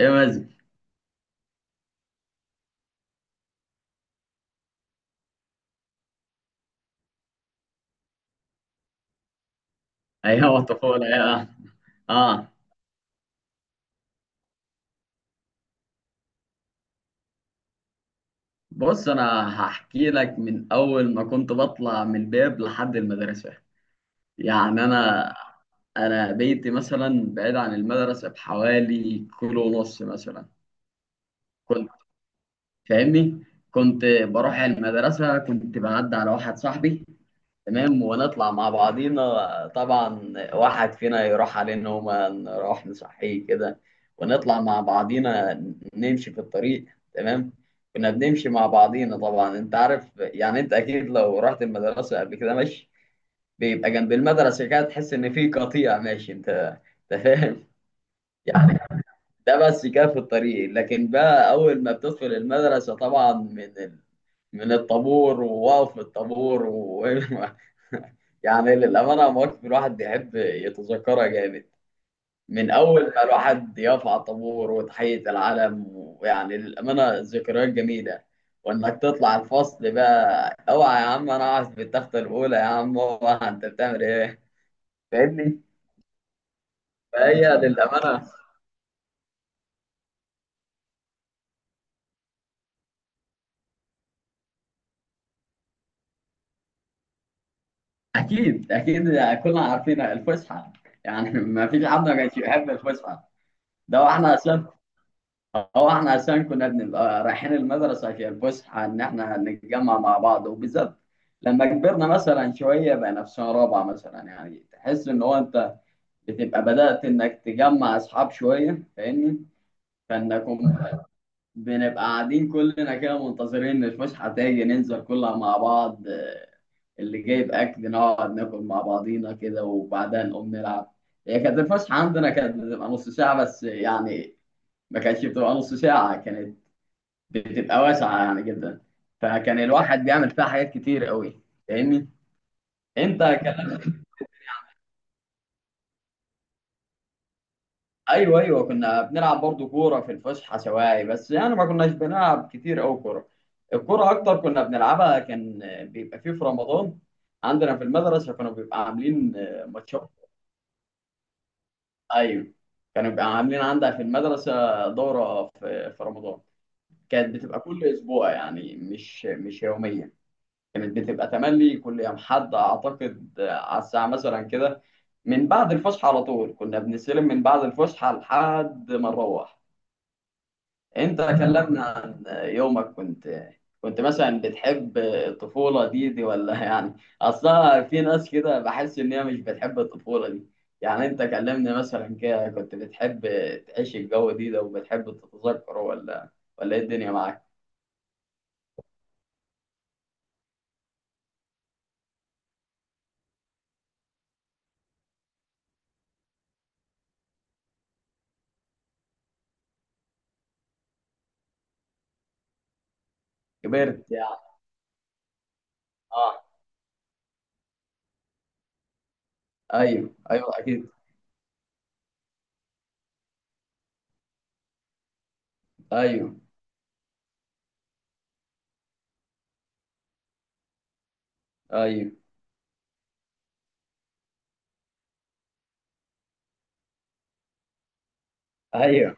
ايه مازن. ايام الطفوله يا آه. بص انا هحكي لك من اول ما كنت بطلع من الباب لحد المدرسه. يعني انا بيتي مثلا بعيد عن المدرسه بحوالي كيلو ونص مثلا. كنت فاهمني، كنت بروح المدرسه، كنت بعدي على واحد صاحبي، تمام، ونطلع مع بعضينا، طبعا واحد فينا يروح عليه نومة نروح نصحيه كده ونطلع مع بعضينا، نمشي في الطريق، تمام. كنا بنمشي مع بعضينا، طبعا انت عارف يعني، انت اكيد لو رحت المدرسة قبل كده، ماشي، بيبقى جنب المدرسة كده تحس ان في قطيع ماشي. انت فاهم يعني؟ ده بس كده في الطريق، لكن بقى اول ما بتدخل المدرسة طبعا من الطابور ووقف الطابور يعني للأمانة مواقف الواحد يحب يتذكرها جامد. من أول ما الواحد يرفع طابور وتحية العلم، ويعني للأمانة ذكريات جميلة. وإنك تطلع الفصل بقى، أوعى يا عم أنا أقعد في التختة الأولى، يا عم أوعى أنت بتعمل إيه. فاهمني؟ فهي للأمانة. أكيد أكيد، كلنا عارفين الفسحة. يعني ما فيش حد ما كانش يحب الفسحة. ده واحنا أساسا، هو احنا عشان كنا بنبقى رايحين المدرسة في الفسحة إن احنا نتجمع مع بعض، وبالذات لما كبرنا مثلا شوية، بقينا في سنة رابعة مثلا يعني، تحس إن هو أنت بتبقى بدأت إنك تجمع أصحاب شوية. فاهمني؟ فإنكم بنبقى قاعدين كلنا كده منتظرين إن الفسحة تيجي ننزل كلها مع بعض، آه، اللي جايب أكل نقعد ناكل مع بعضينا كده وبعدها نقوم نلعب. هي كانت الفسحة عندنا كانت بتبقى نص ساعة بس يعني، ما كانتش بتبقى نص ساعة، كانت بتبقى واسعة يعني جدا. فكان الواحد بيعمل فيها حاجات كتير قوي. فاهمني؟ انت كلام. ايوه ايوه، كنا بنلعب برضو كورة في الفسحة سواعي، بس يعني ما كناش بنلعب كتير قوي كورة. الكورة اكتر كنا بنلعبها كان بيبقى فيه في رمضان، عندنا في المدرسة كانوا بيبقى عاملين، آه، ماتشات. ايوه، كانوا بيبقى عاملين عندها في المدرسة دورة في رمضان. كانت بتبقى كل اسبوع يعني، مش يوميا، كانت بتبقى تملي كل يوم حد اعتقد على الساعه مثلا كده، من بعد الفسحه على طول كنا بنستلم من بعد الفسحه لحد ما نروح. انت كلمنا عن يومك، كنت مثلا بتحب الطفوله دي ولا يعني؟ اصلا في ناس كده بحس ان هي مش بتحب الطفوله دي. يعني انت كلمنا مثلا كده، كنت بتحب تعيش الجو دي ده وبتحب تتذكره، ولا ايه الدنيا معاك؟ كبرت يعني، اه. ايوه ايوه اكيد. ايوه ايوه. ايوه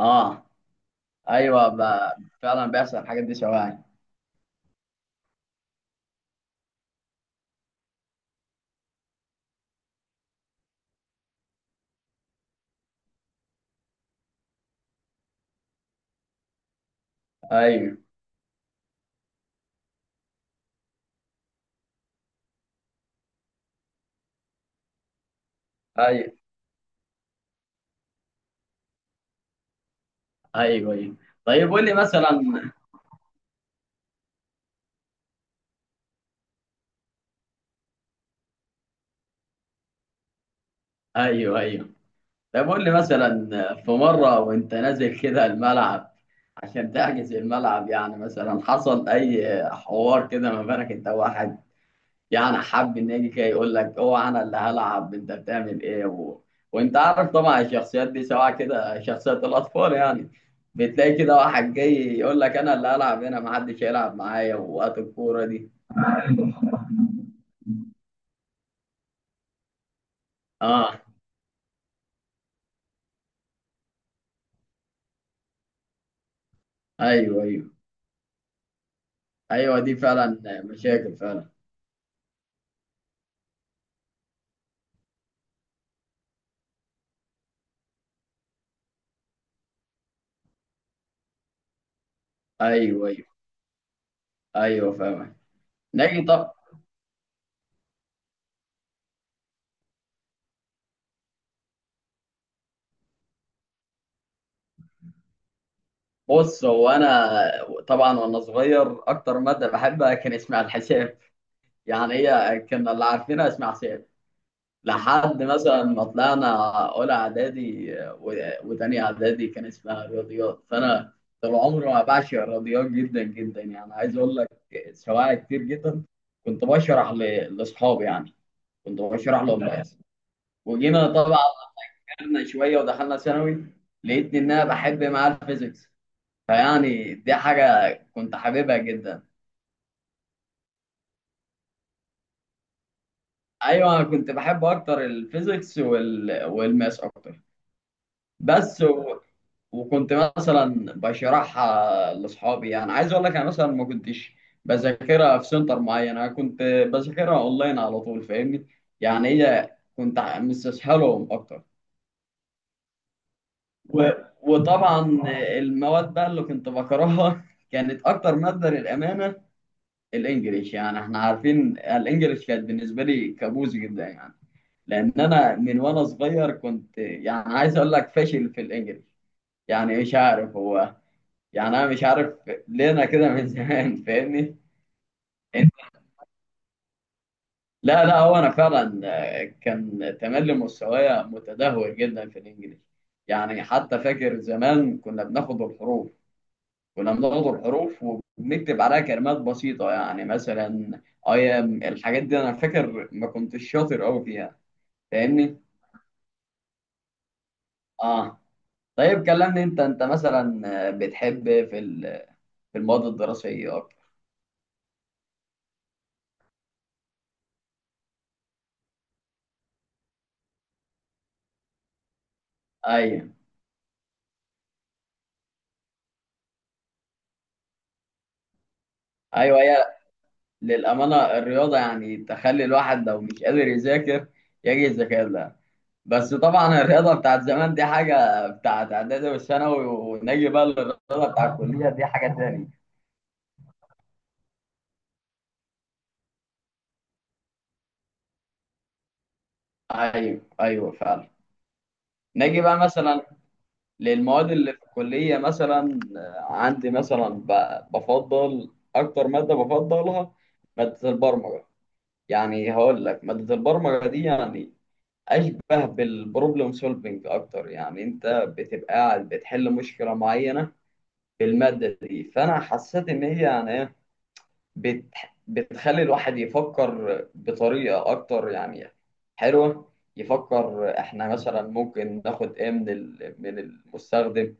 اه، ايوه فعلا بيحصل الحاجات دي شوائع. ايوه ايوه. ايوه ايوه طيب قول لي مثلا. ايوه ايوه. طيب قول لي مثلا، في مره وانت نازل كده الملعب عشان تحجز الملعب، يعني مثلا حصل اي حوار كده ما بينك انت وواحد، يعني حب ان يجي كده يقول لك هو انا اللي هلعب انت بتعمل ايه، وانت عارف طبعا الشخصيات دي، سواء كده شخصيات الاطفال يعني، بتلاقي كده واحد جاي يقول لك انا اللي هلعب هنا، محدش هيلعب معايا وقت الكوره دي. اه ايوه ايوه. ايوه دي فعلا مشاكل فعلا. ايوه ايوه ايوه فاهم. نجي طب. بص هو انا. طبعا وانا صغير اكتر ماده بحبها كان اسمها الحساب. يعني هي كنا اللي عارفينها اسمها حساب لحد مثلا ما طلعنا اولى اعدادي وتانية اعدادي كان اسمها رياضيات. فانا طول عمري ما بعشق الرياضيات جدا جدا، يعني عايز اقول لك سواعي كتير جدا كنت بشرح لاصحابي يعني، كنت بشرح لهم بس. وجينا طبعا كبرنا شويه ودخلنا ثانوي، لقيتني ان انا بحب معاه الفيزيكس. فيعني دي حاجه كنت حاببها جدا. ايوه انا كنت بحب اكتر الفيزيكس والماس اكتر بس. وكنت مثلا بشرحها لاصحابي، يعني عايز اقول لك انا مثلا ما كنتش بذاكرها في سنتر معين، انا كنت بذاكرها اونلاين على طول. فاهمني؟ يعني هي كنت مستسهلهم اكتر و... وطبعا المواد بقى اللي كنت بكرهها كانت اكتر ماده للامانه الانجليش. يعني احنا عارفين الانجليش كانت بالنسبه لي كابوس جدا، يعني لان انا من وانا صغير كنت يعني عايز اقول لك فاشل في الانجليش. يعني مش عارف هو، يعني انا مش عارف ليه انا كده من زمان. فاهمني انت؟ لا لا، هو انا فعلا، آه، كان تملي مستوايا متدهور جدا في الانجليزي. يعني حتى فاكر زمان كنا بناخد الحروف، كنا بناخد الحروف وبنكتب عليها كلمات بسيطة، يعني مثلا ايام الحاجات دي انا فاكر ما كنتش شاطر قوي فيها. فاهمني؟ اه. طيب كلمني انت، انت مثلا، آه، بتحب في ال- في المواد الدراسية اكتر؟ ايوه ايوه، للأمانة الرياضة يعني تخلي الواحد لو مش قادر يذاكر يجي يذاكر لها، بس طبعا الرياضة بتاعت زمان دي حاجة بتاعت إعدادي والثانوي، ونجي بقى للرياضة بتاعت الكلية دي حاجة تاني. أيوه أيوه فعلا. نجي بقى مثلا للمواد اللي في الكلية مثلا، آه، عندي مثلا بفضل أكتر مادة بفضلها مادة البرمجة. يعني هقول لك مادة البرمجة دي يعني اشبه بالبروبلم سولفنج اكتر، يعني انت بتبقى قاعد بتحل مشكله معينه في الماده دي. فانا حسيت ان هي يعني إيه، بت بتخلي الواحد يفكر بطريقه اكتر يعني، حلوه، يفكر احنا مثلا ممكن ناخد ايه من من المستخدم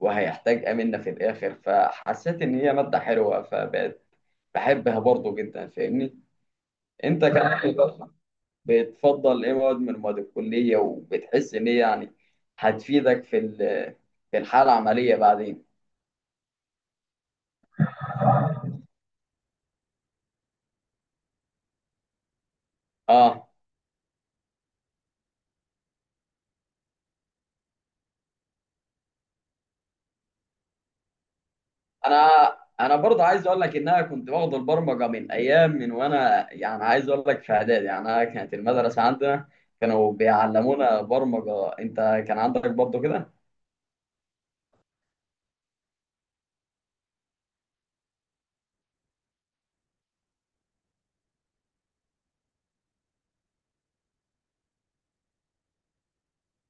وهيحتاج ايه منا في الاخر. فحسيت ان هي ماده حلوه فبقت بحبها برضو جدا. فاهمني؟ انت كمان، بتفضل ايه مواد من مواد الكلية، وبتحس ان هي يعني هتفيدك في الحالة العملية بعدين؟ اه انا انا برضه عايز اقول لك ان انا كنت باخد البرمجة من ايام، من وانا يعني عايز اقول لك في اعدادي، يعني انا كانت المدرسة عندنا كانوا بيعلمونا برمجة. انت كان عندك برضه كده؟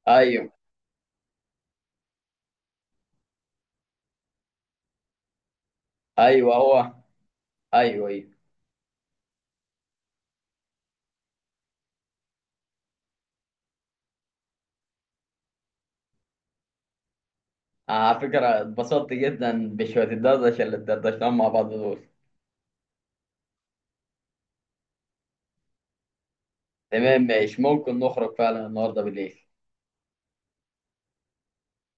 ايوه ايوه هو. ايوه ايوه. على فكرة اتبسطت جدا بشوية الدردشة اللي اتدردشناهم مع بعض دول. تمام ماشي، ممكن نخرج فعلا النهارده بالليل.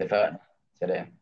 اتفقنا. سلام.